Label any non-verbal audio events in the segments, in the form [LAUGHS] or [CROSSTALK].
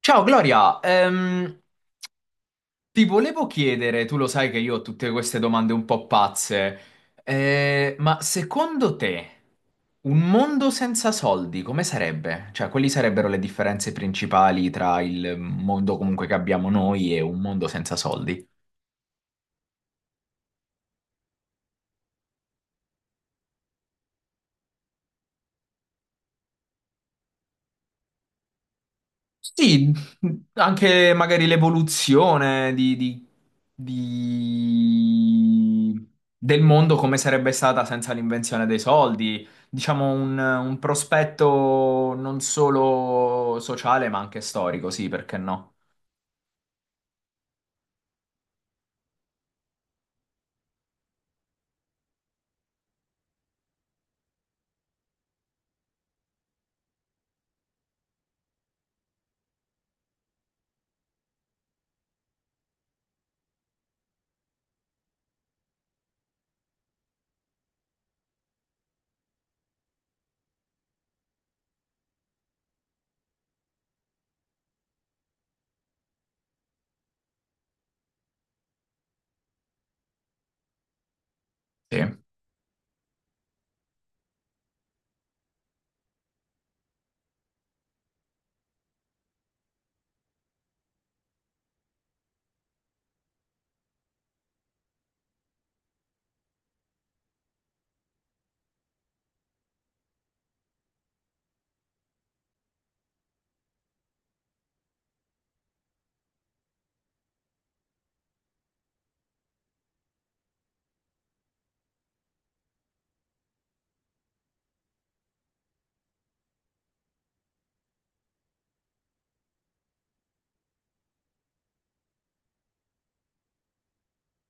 Ciao Gloria, ti volevo chiedere, tu lo sai che io ho tutte queste domande un po' pazze, ma secondo te un mondo senza soldi come sarebbe? Cioè, quali sarebbero le differenze principali tra il mondo comunque che abbiamo noi e un mondo senza soldi? Sì, anche magari l'evoluzione di- del mondo come sarebbe stata senza l'invenzione dei soldi, diciamo un prospetto non solo sociale ma anche storico, sì, perché no? Sì,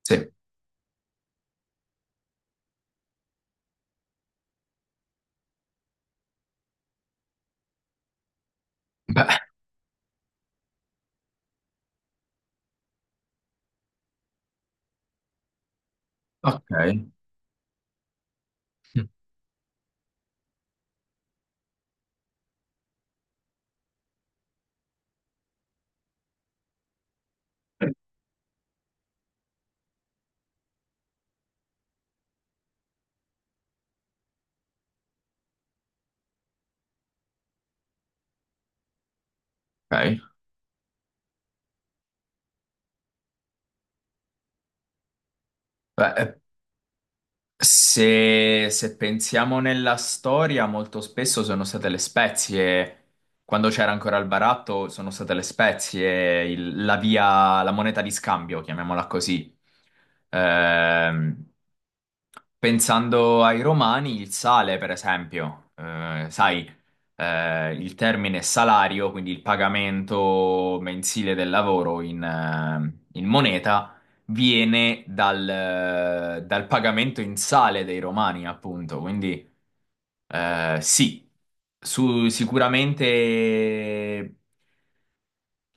sì. Beh, ok. Ok. Beh, se, se pensiamo nella storia, molto spesso sono state le spezie, quando c'era ancora il baratto, sono state le spezie, la via, la moneta di scambio, chiamiamola così. Ehm, Pensando ai romani, il sale, per esempio, sai, il termine salario, quindi il pagamento mensile del lavoro in moneta, viene dal pagamento in sale dei romani, appunto. Quindi, sì, su- sicuramente.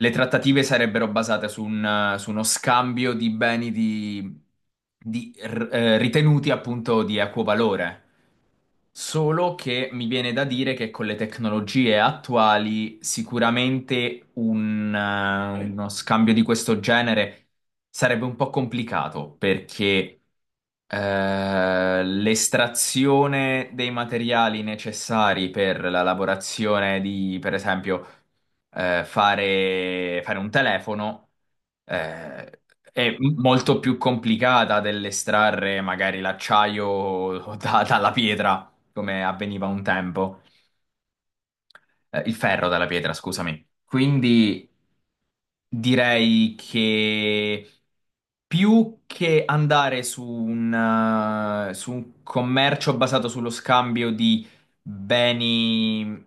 Le trattative sarebbero basate su uno scambio di beni di, ritenuti appunto di equo valore. Solo che mi viene da dire che con le tecnologie attuali sicuramente uno scambio di questo genere sarebbe un po' complicato perché l'estrazione dei materiali necessari per la lavorazione di, per esempio, fare un telefono eh, è molto più complicata dell'estrarre magari l'acciaio [LAUGHS] dalla pietra, come avveniva un tempo. Il ferro dalla pietra, scusami. Quindi direi che più che andare su su un commercio basato sullo scambio di beni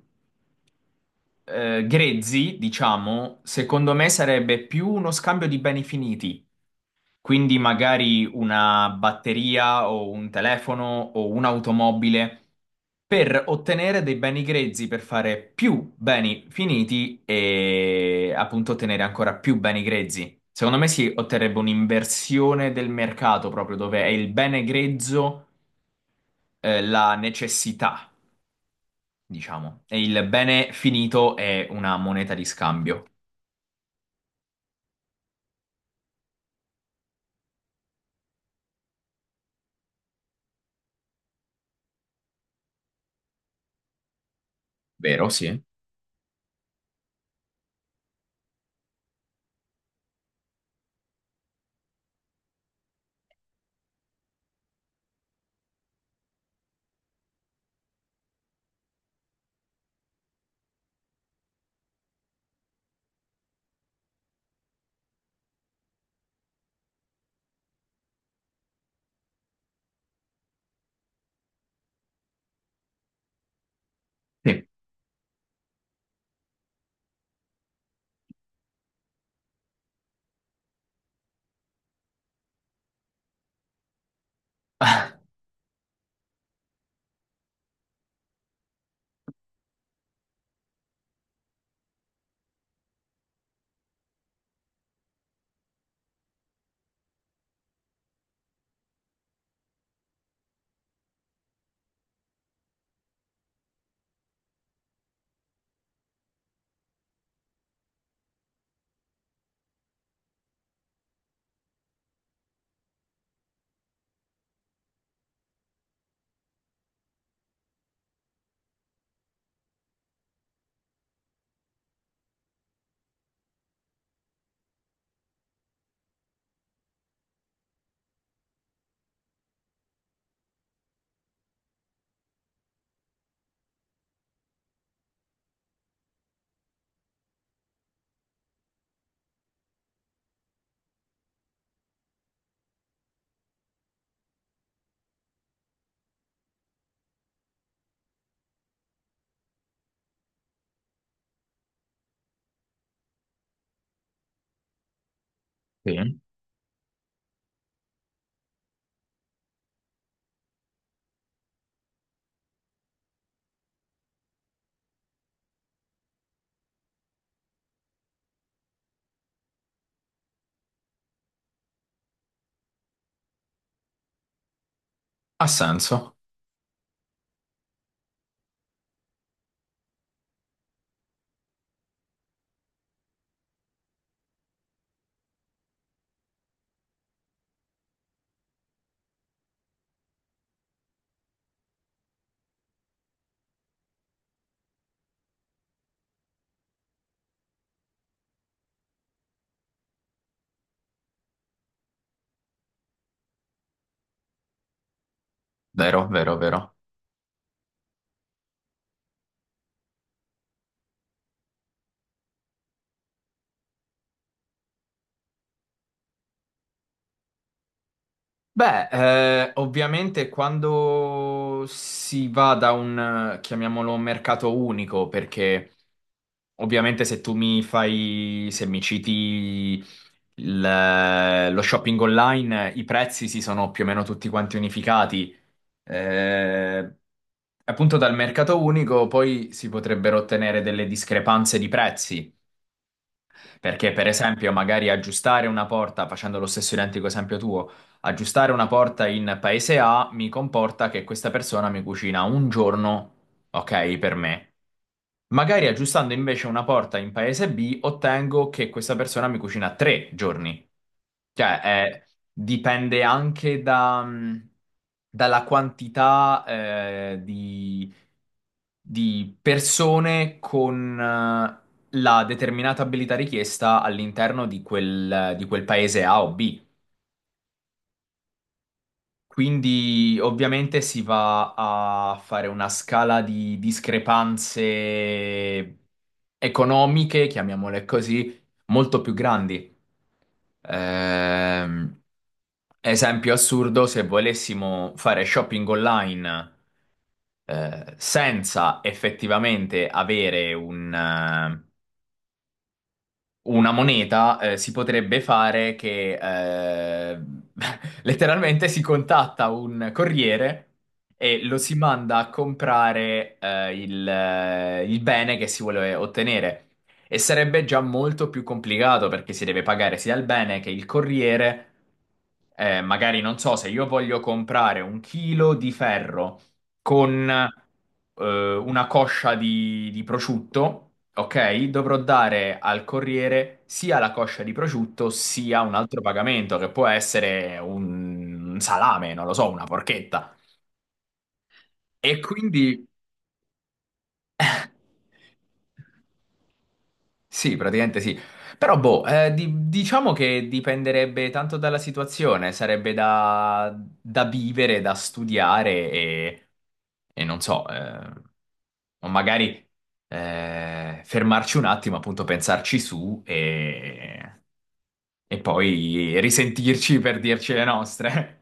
grezzi, diciamo, secondo me sarebbe più uno scambio di beni finiti. Quindi magari una batteria o un telefono o un'automobile per ottenere dei beni grezzi per fare più beni finiti e appunto ottenere ancora più beni grezzi. Secondo me si otterrebbe un'inversione del mercato proprio dove è il bene grezzo, la necessità, diciamo, e il bene finito è una moneta di scambio. Vero, sì. Sì. [LAUGHS] Ah, sì. Ha senso. Vero, vero, vero. Beh, ovviamente quando si va da chiamiamolo, mercato unico, perché ovviamente se tu mi fai, se mi citi lo shopping online, i prezzi si sono più o meno tutti quanti unificati. Eh, appunto dal mercato unico poi si potrebbero ottenere delle discrepanze di prezzi. Perché, per esempio, magari aggiustare una porta, facendo lo stesso identico esempio tuo, aggiustare una porta in paese A mi comporta che questa persona mi cucina un giorno, ok, per me. Magari aggiustando invece una porta in paese B, ottengo che questa persona mi cucina tre giorni. Cioè, è- dipende anche da, dalla quantità, di persone con la determinata abilità richiesta all'interno di di quel paese A o B. Quindi ovviamente si va a fare una scala di discrepanze economiche, chiamiamole così, molto più grandi. Ehm, esempio assurdo, se volessimo fare shopping online senza effettivamente avere una moneta si potrebbe fare che eh, [LAUGHS] letteralmente si contatta un corriere e lo si manda a comprare il bene che si vuole ottenere. E sarebbe già molto più complicato perché si deve pagare sia il bene che il corriere. Magari non so se io voglio comprare un chilo di ferro con una coscia di prosciutto, ok? Dovrò dare al corriere sia la coscia di prosciutto sia un altro pagamento che può essere un salame, non lo so, una porchetta. E quindi [LAUGHS] sì, praticamente sì. Però, boh, di- diciamo che dipenderebbe tanto dalla situazione, sarebbe da, da vivere, da studiare e non so, o magari fermarci un attimo, appunto, pensarci su e poi risentirci per dirci le nostre.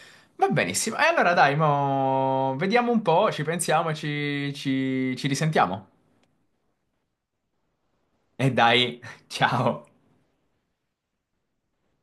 [LAUGHS] Va benissimo. E allora dai, mo vediamo un po', ci pensiamo, e ci ci risentiamo. E dai, [LAUGHS] ciao.